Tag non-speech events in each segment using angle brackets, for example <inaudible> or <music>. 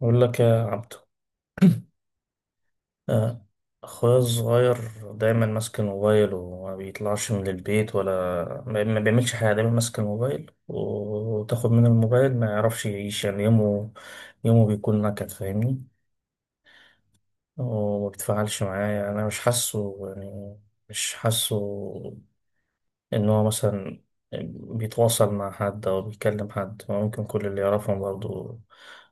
بقول لك يا عبدو. آه. أخويا الصغير دايما ماسك الموبايل وما بيطلعش من البيت، ولا ما بيعملش حاجة، دايما ماسك الموبايل. و- وتاخد منه الموبايل ما يعرفش يعيش، يعني يومه بيكون نكد. فاهمني؟ هو ما بيتفاعلش معايا انا، مش حاسه يعني مش حاسه ان هو مثلا بيتواصل مع حد او بيكلم حد. هو ممكن كل اللي يعرفهم برضو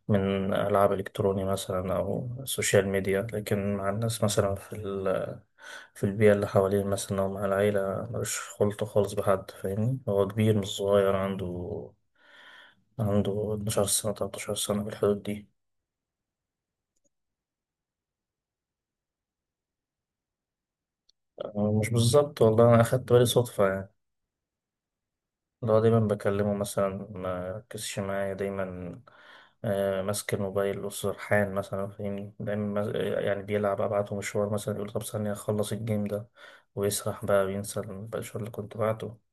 من العاب الكتروني مثلا او سوشيال ميديا، لكن مع الناس مثلا في البيئة اللي حواليه مثلا، أو مع العيلة، ملوش خلطة خالص بحد. فاهمني؟ هو كبير مش صغير، عنده 12 سنة، 13 سنة، في الحدود دي. أنا مش بالظبط والله، أنا أخدت بالي صدفة يعني. اللي هو دايما بكلمه مثلا ما ركزش معايا، دايما ماسك الموبايل وسرحان مثلا، فاهمني؟ دايما يعني بيلعب، ابعته مشوار مثلا، يقول طب ثانية اخلص الجيم ده، ويسرح بقى وينسى المشوار اللي كنت بعته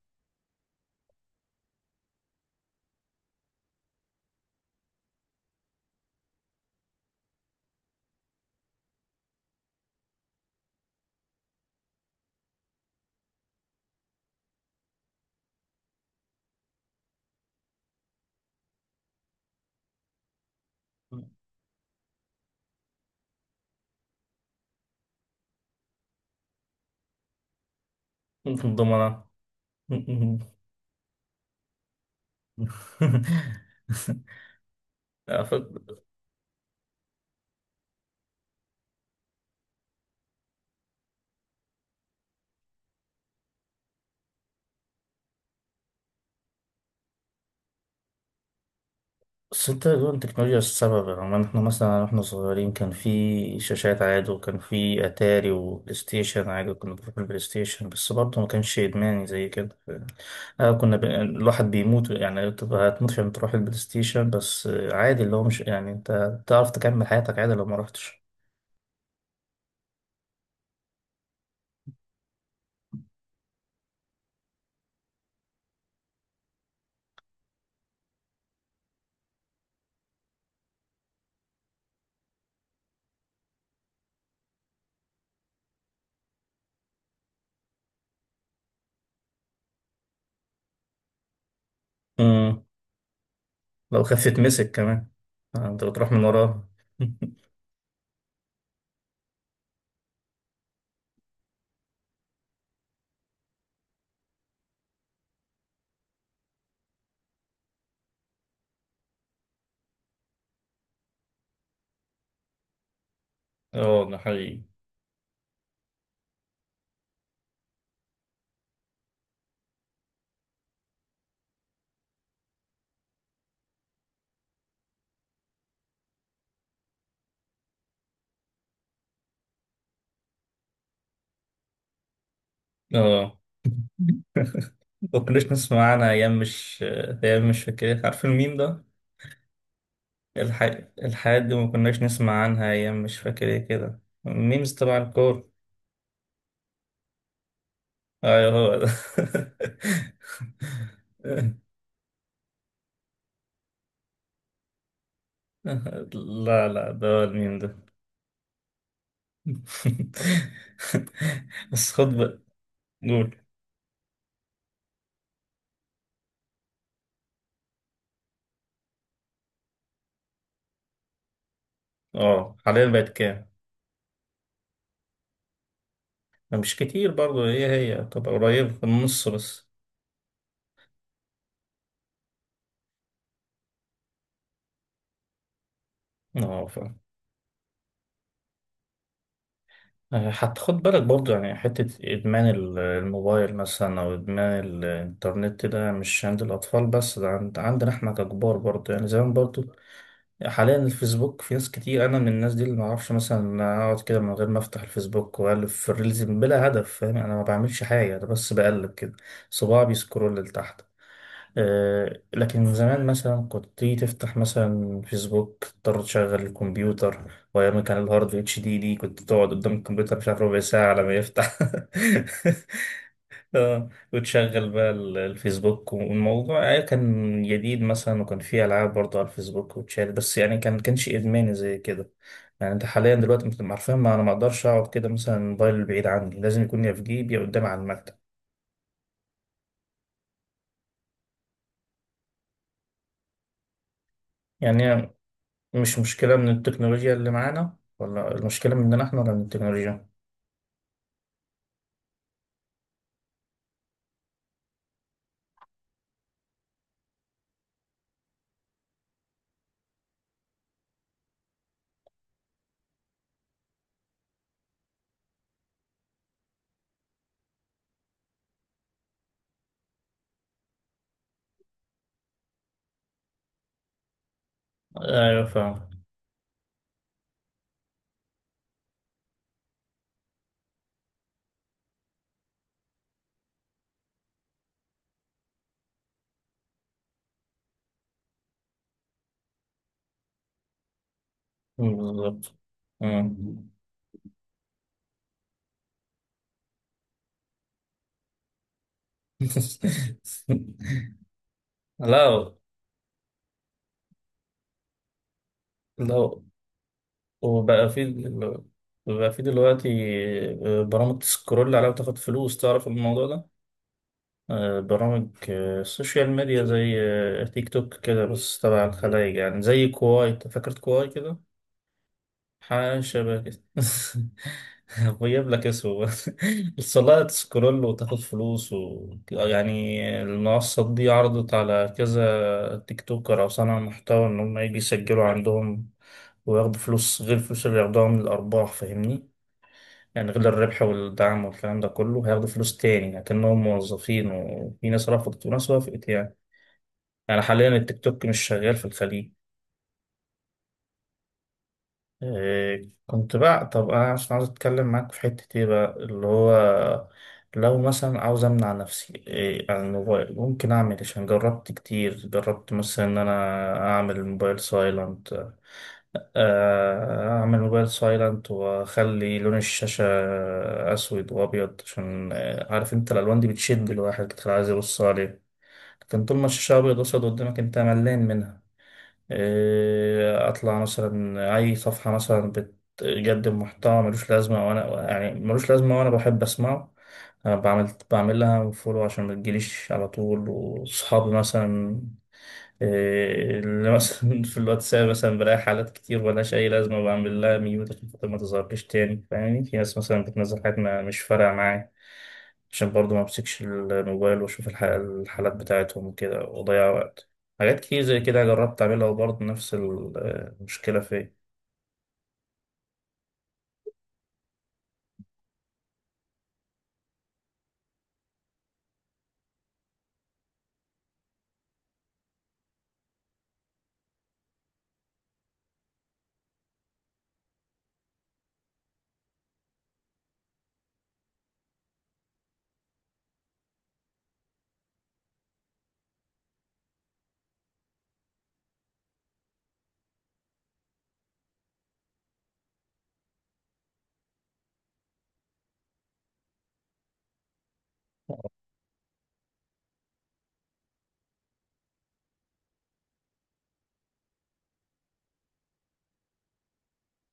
ضمنا. <laughs> بس انت، هو التكنولوجيا السبب؟ يعني احنا مثلا واحنا صغيرين كان في شاشات عادي، وكان في اتاري وبلاي ستيشن عادي، كنا بنروح البلاي ستيشن، بس برضه ما كانش ادماني زي كده. آه، كنا الواحد بيموت يعني، تبقى هتموت عشان تروح البلاي ستيشن، بس عادي، اللي هو مش، يعني انت تعرف تكمل حياتك عادي لو ما رحتش. امم. لو خفت مسك كمان. انت بتروح من وراه. <laughs> اه، ده حقيقي. اه، ما كناش نسمع عنها ايام مش فاكر إيه. عارف الميم ده؟ الح... الحاجات دي ما كناش نسمع عنها ايام مش فاكر ايه كده، الميمز تبع الكور. ايوه، هو ده. <laughs> لا، لا، ده هو الميم ده. <laughs> بس خد بقى. قول. اه، حاليا بقت كام؟ مش كتير برضه، هي تبقى قريبة في النص بس. اه، حتى خد بالك برضه، يعني حتة إدمان الموبايل مثلا أو إدمان الإنترنت، ده مش عند الأطفال بس، ده عندنا إحنا ككبار برضه، يعني زمان برضه. حاليا الفيسبوك في ناس كتير، أنا من الناس دي، اللي معرفش مثلا أقعد كده من غير ما أفتح الفيسبوك وأقلب في الريلز بلا هدف. فاهم؟ يعني أنا ما بعملش حاجة، أنا بس بقلب كده، صباعي بيسكرول لتحت. لكن زمان مثلا كنت تيجي تفتح مثلا فيسبوك، تضطر تشغل الكمبيوتر، وأيام كان الهارد اتش دي دي كنت تقعد قدام الكمبيوتر مش عارف ربع ساعة على ما يفتح. <laughs> وتشغل بقى الفيسبوك، والموضوع كان جديد مثلا، وكان فيه ألعاب برضه على الفيسبوك وتشال، بس يعني كانش إدماني زي كده. يعني أنت حاليا دلوقتي أنت عارفين، ما أنا ما أقدرش أقعد كده مثلا الموبايل بعيد عني، لازم يكون يا في جيبي يا قدامي على المكتب. يعني مش مشكلة من التكنولوجيا اللي معانا، ولا المشكلة مننا احنا ولا من التكنولوجيا؟ أيوة، فاهم. مم، بالظبط. مم. <laughs> لا، لا. وبقى في دل- بقى في دلوقتي برامج تسكرول عليها وتاخد فلوس، تعرف الموضوع ده؟ برامج السوشيال ميديا زي تيك توك كده، بس تبع الخلايج، يعني زي كواي، أنت فاكر كواي كده؟ حاجة شبه كده. <laughs> غيب لك اسمه. <laughs> الصلاة تسكرول وتاخد فلوس و... يعني المنصات دي عرضت على كذا تيك توكر أو صانع محتوى إن هم يجي يسجلوا عندهم وياخدوا فلوس غير الفلوس اللي ياخدوها من الأرباح. فاهمني؟ يعني غير الربح والدعم والكلام ده كله، هياخدوا فلوس تاني لكنهم موظفين، وفي ناس رفضت وناس وافقت يعني. يعني حاليا التيك توك مش شغال في الخليج. إيه كنت بقى، طب انا عشان عاوز اتكلم معاك في حتة ايه بقى اللي هو، لو مثلا عاوز امنع نفسي إيه عن الموبايل، ممكن اعمل إيه؟ عشان جربت كتير، جربت مثلا ان انا اعمل الموبايل سايلنت، اعمل موبايل سايلنت واخلي لون الشاشة اسود وابيض عشان عارف انت الالوان دي بتشد الواحد كتير عايز يبص عليه، لكن طول ما الشاشة ابيض واسود قدامك انت ملان منها. إيه، اطلع مثلا اي صفحه مثلا بتقدم محتوى ملوش لازمه وانا، يعني ملوش لازمه وانا بحب اسمعه، أنا بعمل لها فولو عشان ما تجيليش على طول. وصحابي مثلا، إيه، اللي مثلا <laughs> في الواتساب مثلا، بلاقي حالات كتير ملهاش أي لازمة، بعمل لها ميوت عشان خاطر ما تظهرليش تاني. فاهمني؟ في ناس مثلا بتنزل حاجات ما مش فارقة معايا عشان برضه ما امسكش الموبايل واشوف الحالات بتاعتهم وكده واضيع وقت. حاجات كتير زي كده جربت اعملها وبرضه نفس المشكلة فيا.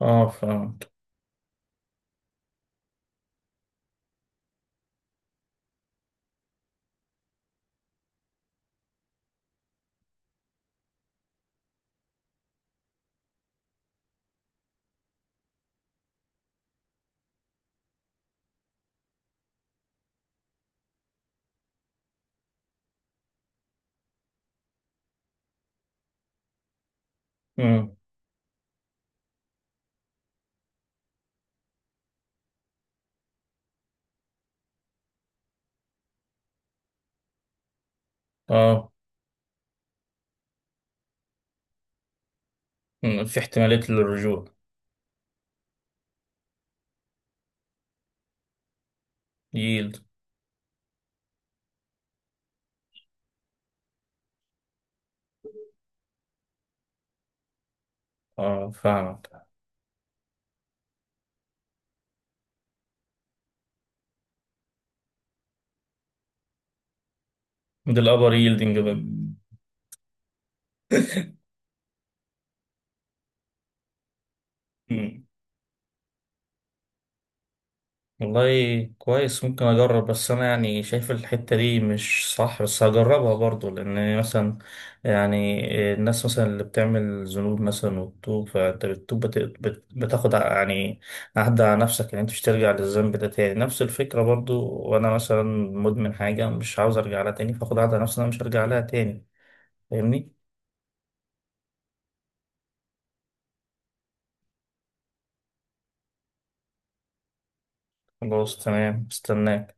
اه، فهمت. مم. اه. مم. في احتمالية للرجوع. ييلد. اه، فاهمك. ده الابر ييلدنج بقى. <laughs> والله كويس، ممكن اجرب، بس انا يعني شايف الحتة دي مش صح، بس هجربها برضو. لان مثلا يعني الناس مثلا اللي بتعمل ذنوب مثلا وبتوب، فانت بتتوب يعني عهد على نفسك ان انت مش ترجع للذنب ده تاني. نفس الفكرة برضو، وانا مثلا مدمن حاجة مش عاوز ارجع لها تاني، فاخد عهد على نفسي إن انا مش هرجع لها تاني. فاهمني؟ خلاص تمام، استناك.